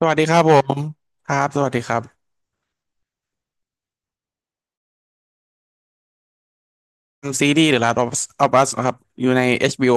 สวัสดีครับผมครับสวัสดีครับซีรีส์ The Last of Us of Us นะครับอยู่ใน HBO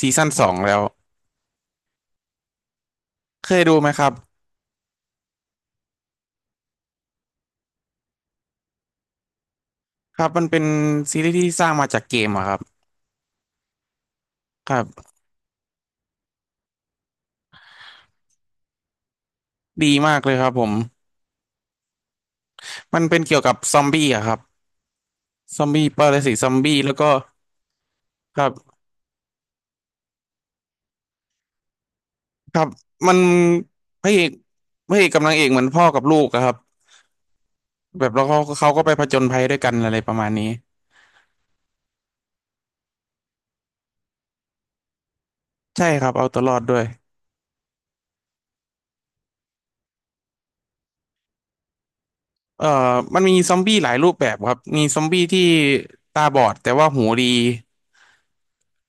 ซีซั่นสองแล้วเคยดูไหมครับครับมันเป็นซีรีส์ที่สร้างมาจากเกมอะครับครับดีมากเลยครับผมมันเป็นเกี่ยวกับซอมบี้อะครับซอมบี้ปรสิตซอมบี้แล้วก็ครับครับมันพระเอกพระเอกกับนางเอกเหมือนพ่อกับลูกอะครับแบบแล้วเขาก็ไปผจญภัยด้วยกันอะไรประมาณนี้ใช่ครับเอาตัวรอดด้วย เอ่อมันมีซอมบี้หลายรูปแบบครับมีซอมบี้ที่ตาบอดแต่ว่าหูดี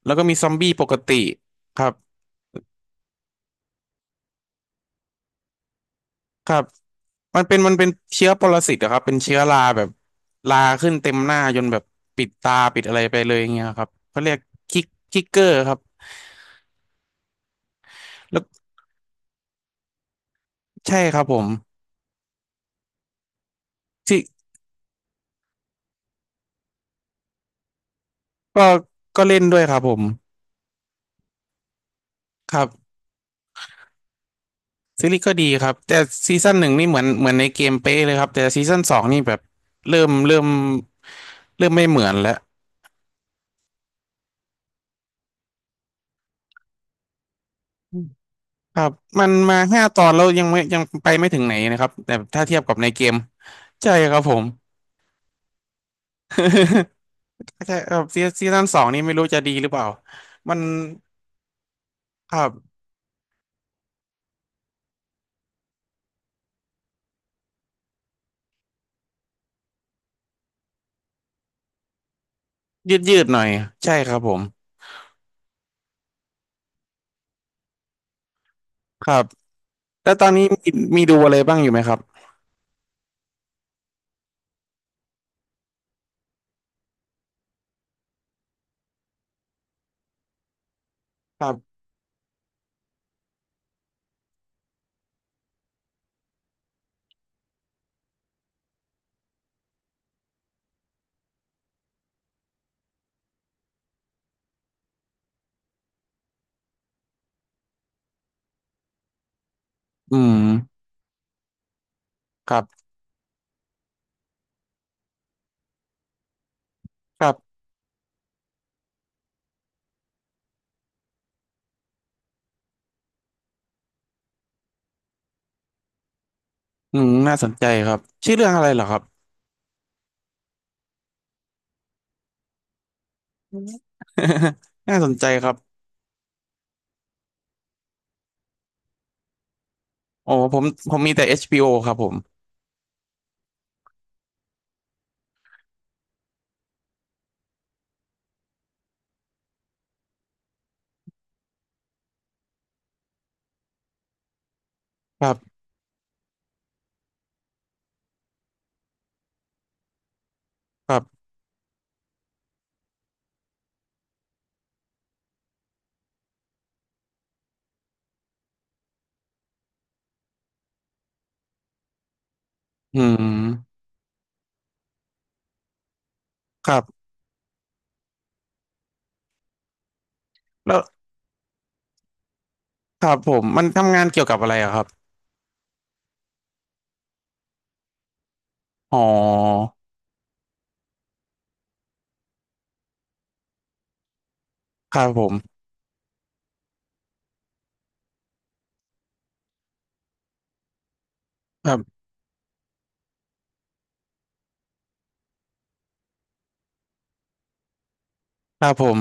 แล้วก็มีซอมบี้ปกติครับครับมันเป็นเชื้อปรสิตอะครับ เป็นเชื้อราแบบราขึ้นเต็มหน้าจนแบบปิดตาปิดอะไรไปเลยอย่างเงี้ยครับเขาเรียกคิกคิกเกอร์ครับแล้วใช่ครับผมที่ก็ก็เล่นด้วยครับผมครับซีรีส์ก็ดีครับแต่ซีซั่นหนึ่งนี่เหมือนเหมือนในเกมเป๊ะเลยครับแต่ซีซั่นสองนี่แบบเริ่มเริ่มเริ่มไม่เหมือนแล้ว ครับมันมาห้าตอนแล้วยังไม่ยังไปไม่ถึงไหนนะครับแต่ถ้าเทียบกับในเกมใช่ครับผม ใช่ครับซีซีซั่นสองนี่ไม่รู้จะดีหรือเปล่ามันครับยืดยืดหน่อยใช่ครับผมครับแล้วตอนนี้มีมีดูอะไรบ้างอยู่ไหมครับครับอืมครับครับอืมน่าสนใจครับชื่อเรื่องอะไรเหรอครับ น่าสนใจครับโอ้ผมมีแต่ h โ o ครับผมครับครับอืมครับแล้วครับผมมันทำงานเกี่ยวกับอะไรอะครับ อ๋อครับผม ครับครับผม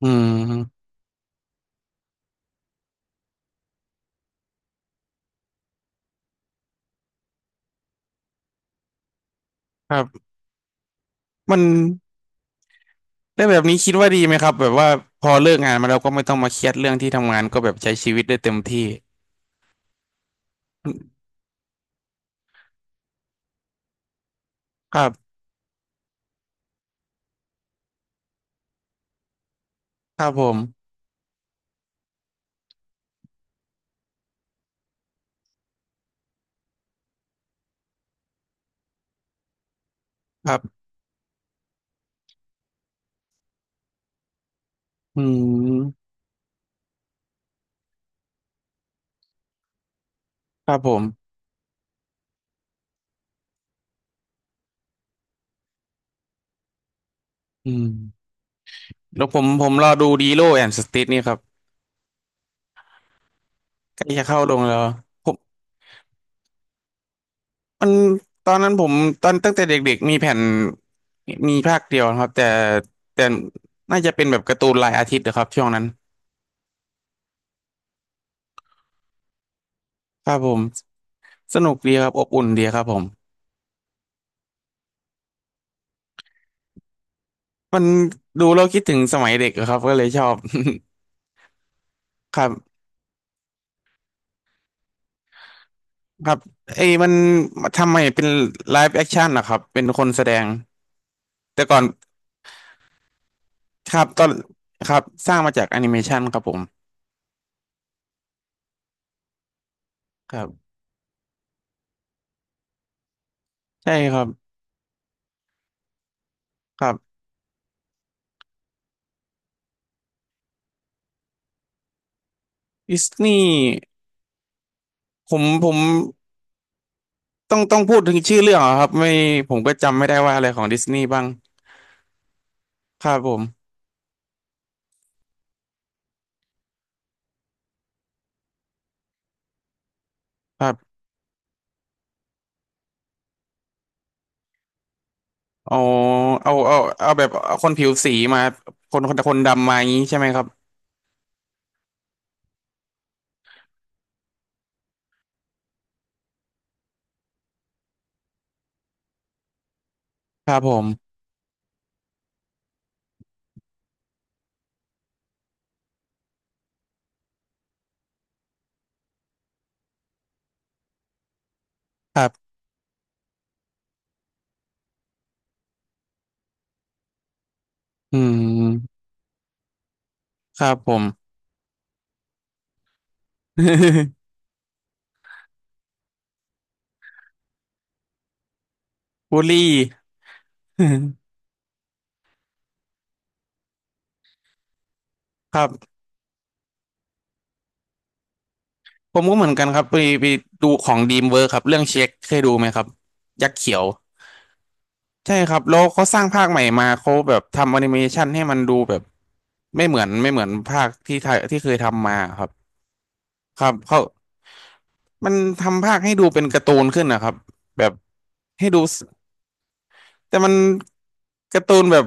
อืมครับมันได้แบบนี้คิดว่าดีไหมครับแบบว่าพอเลิกงานมาแล้วก็ไม่ต้องมาเครียดเรื่องที่ทำงานก็แบบใช้ชีวิตได้เต็มที่ ครับครับผมครับอืมครับผมอืมแล้วผมรอดูดีโลแอนสติทนี่ครับใกล้จะเข้าลงแล้วผมมันตอนนั้นผมตอนตั้งแต่เด็กๆมีแผ่นมีภาคเดียวนะครับแต่แต่น่าจะเป็นแบบการ์ตูนรายอาทิตย์นะครับช่วงนั้นครับผม สนุกดีครับอบอุ่นดีครับผมมันดูเราคิดถึงสมัยเด็กอะครับก็เลยชอบ ครับครับเอ้ยมันทำไมเป็นไลฟ์แอคชั่นนะครับเป็นคนแสดงแต่ก่อนครับตอนครับสร้างมาจากแอนิเมชันครับผมครับใช่ครับครับดิสนีย์ผมต้องพูดถึงชื่อเรื่องเหรอครับไม่ผมก็จำไม่ได้ว่าอะไรของดิสนีย์บ้างครับผมครับเอาเอาเอาเอาแบบเอาคนผิวสีมาคนดำมาอย่างนี้ใช่ไหมครับครับผม ครับอืมครับผม บุลลี่ ครับผมก็เหมือนกันครับไปดูของดีมเวิร์ครับเรื่องเช็คเคยดูไหมครับ ยักษ์เขียว ใช่ครับแล้วเขาสร้างภาคใหม่มาเขาแบบทำแอนิเมชันให้มันดูแบบไม่เหมือนภาคที่ไทยที่เคยทำมาครับครับเขามันทำภาคให้ดูเป็นการ์ตูนขึ้นนะครับแบบให้ดูสแต่มันการ์ตูนแบบ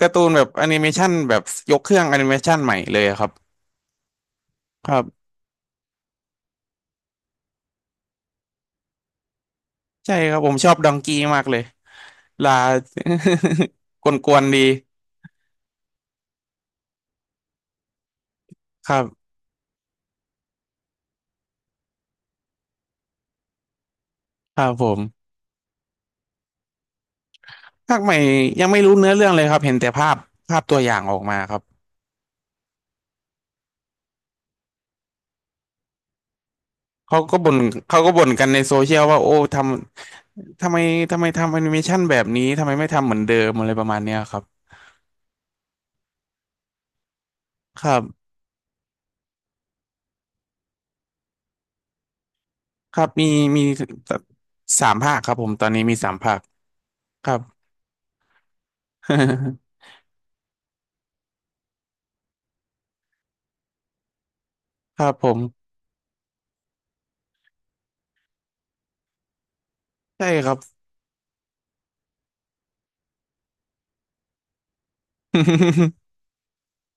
การ์ตูนแบบแอนิเมชันแบบยกเครื่องแอนิเมชันใหม่เลยครับครับ ใช่ครับผมชอบดองกี้มากเลยลา กวนๆดีครับครับผมภาคใหม่ยังไม่รู้เนื้อเรื่องเลยครับเห็นแต่ภาพภาพตัวอย่างออกมาครับเขาก็บ่นเขาก็บ่นกันในโซเชียลว่าโอ้ทำทำไมทำแอนิเมชันแบบนี้ทำไมไม่ทำเหมือนเดิมอะไรประมาณเนี้ยครับครับครับมีมีสามภาคครับผมตอนนี้มีสามภาคครับ ครับผมใช่ครับ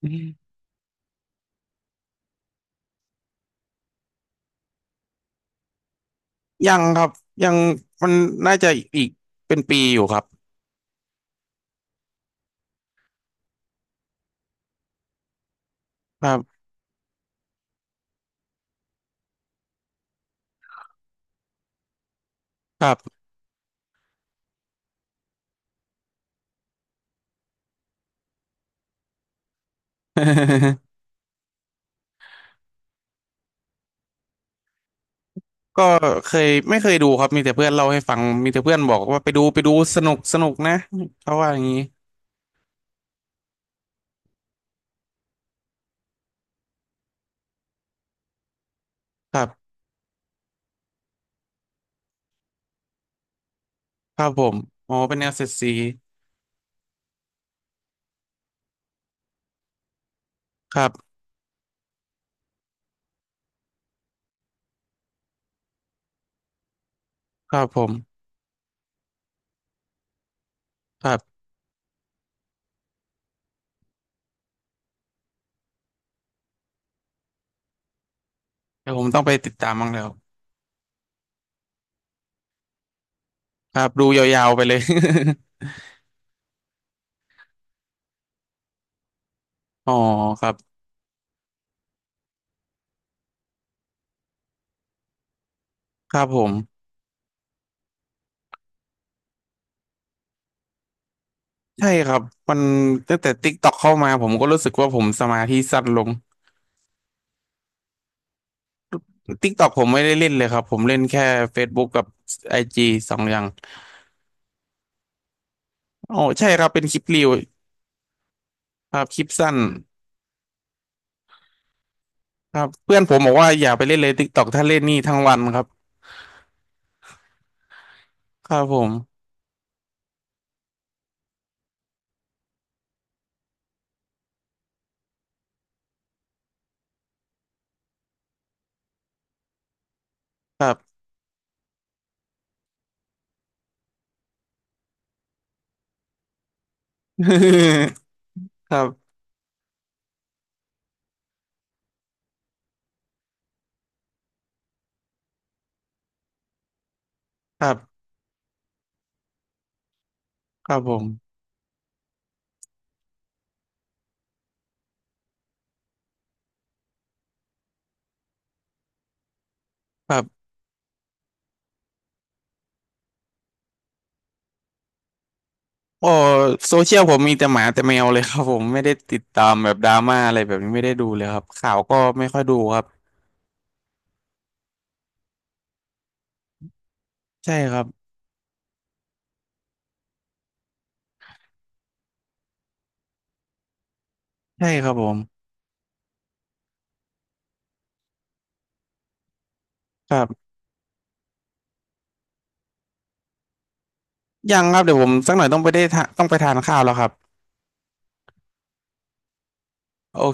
ยังครับยังมันน่าจะอีกเป็นปีอยู่ครับครับครับ ก็เคยไม่เคยดูครับมีแต่เพื่อนเล่าให้ฟังมีแต่เพื่อนบอกว่าไปดูไปดูสนุกสนุกนะเขาว่าอย่างนี้ครับครับผมอ๋อเป็นแนวเซตซีครับครับผมครับเดี๋ยวผมต้องไปติดตามบ้างแล้วครับดูยาวๆไปเลย อ๋อครับครับผมใช่ครับมันตั้งแต่ติ๊กต็อกเข้ามาผมก็รู้สึกว่าผมสมาธิสั้นลง ติ๊กตอกผมไม่ได้เล่นเลยครับผมเล่นแค่ Facebook กับไอจีสองอย่างโอ้ใช่ครับเป็นคลิปรีวครับคลิปสั้นครับเพื่อนผมบอกว่าอย่าไปเล่นเลยติ๊กตอกถ้าเล่นนี่ทั้งวันครับครับผมครับ ครับครับครับผมครับโอ้โซเชียลผมมีแต่หมาแต่แมวเลยครับผมไม่ได้ติดตามแบบดราม่าอะไรแบบนี้ไม่ได้ดูเลยครับข่าวก็ไม่ค่อยดูครับใช่ครับใช่ครับผมครับยังครับเดี๋ยวผมสักหน่อยต้องไปได้ทะต้องไปทานข้าวแล้วครับโอ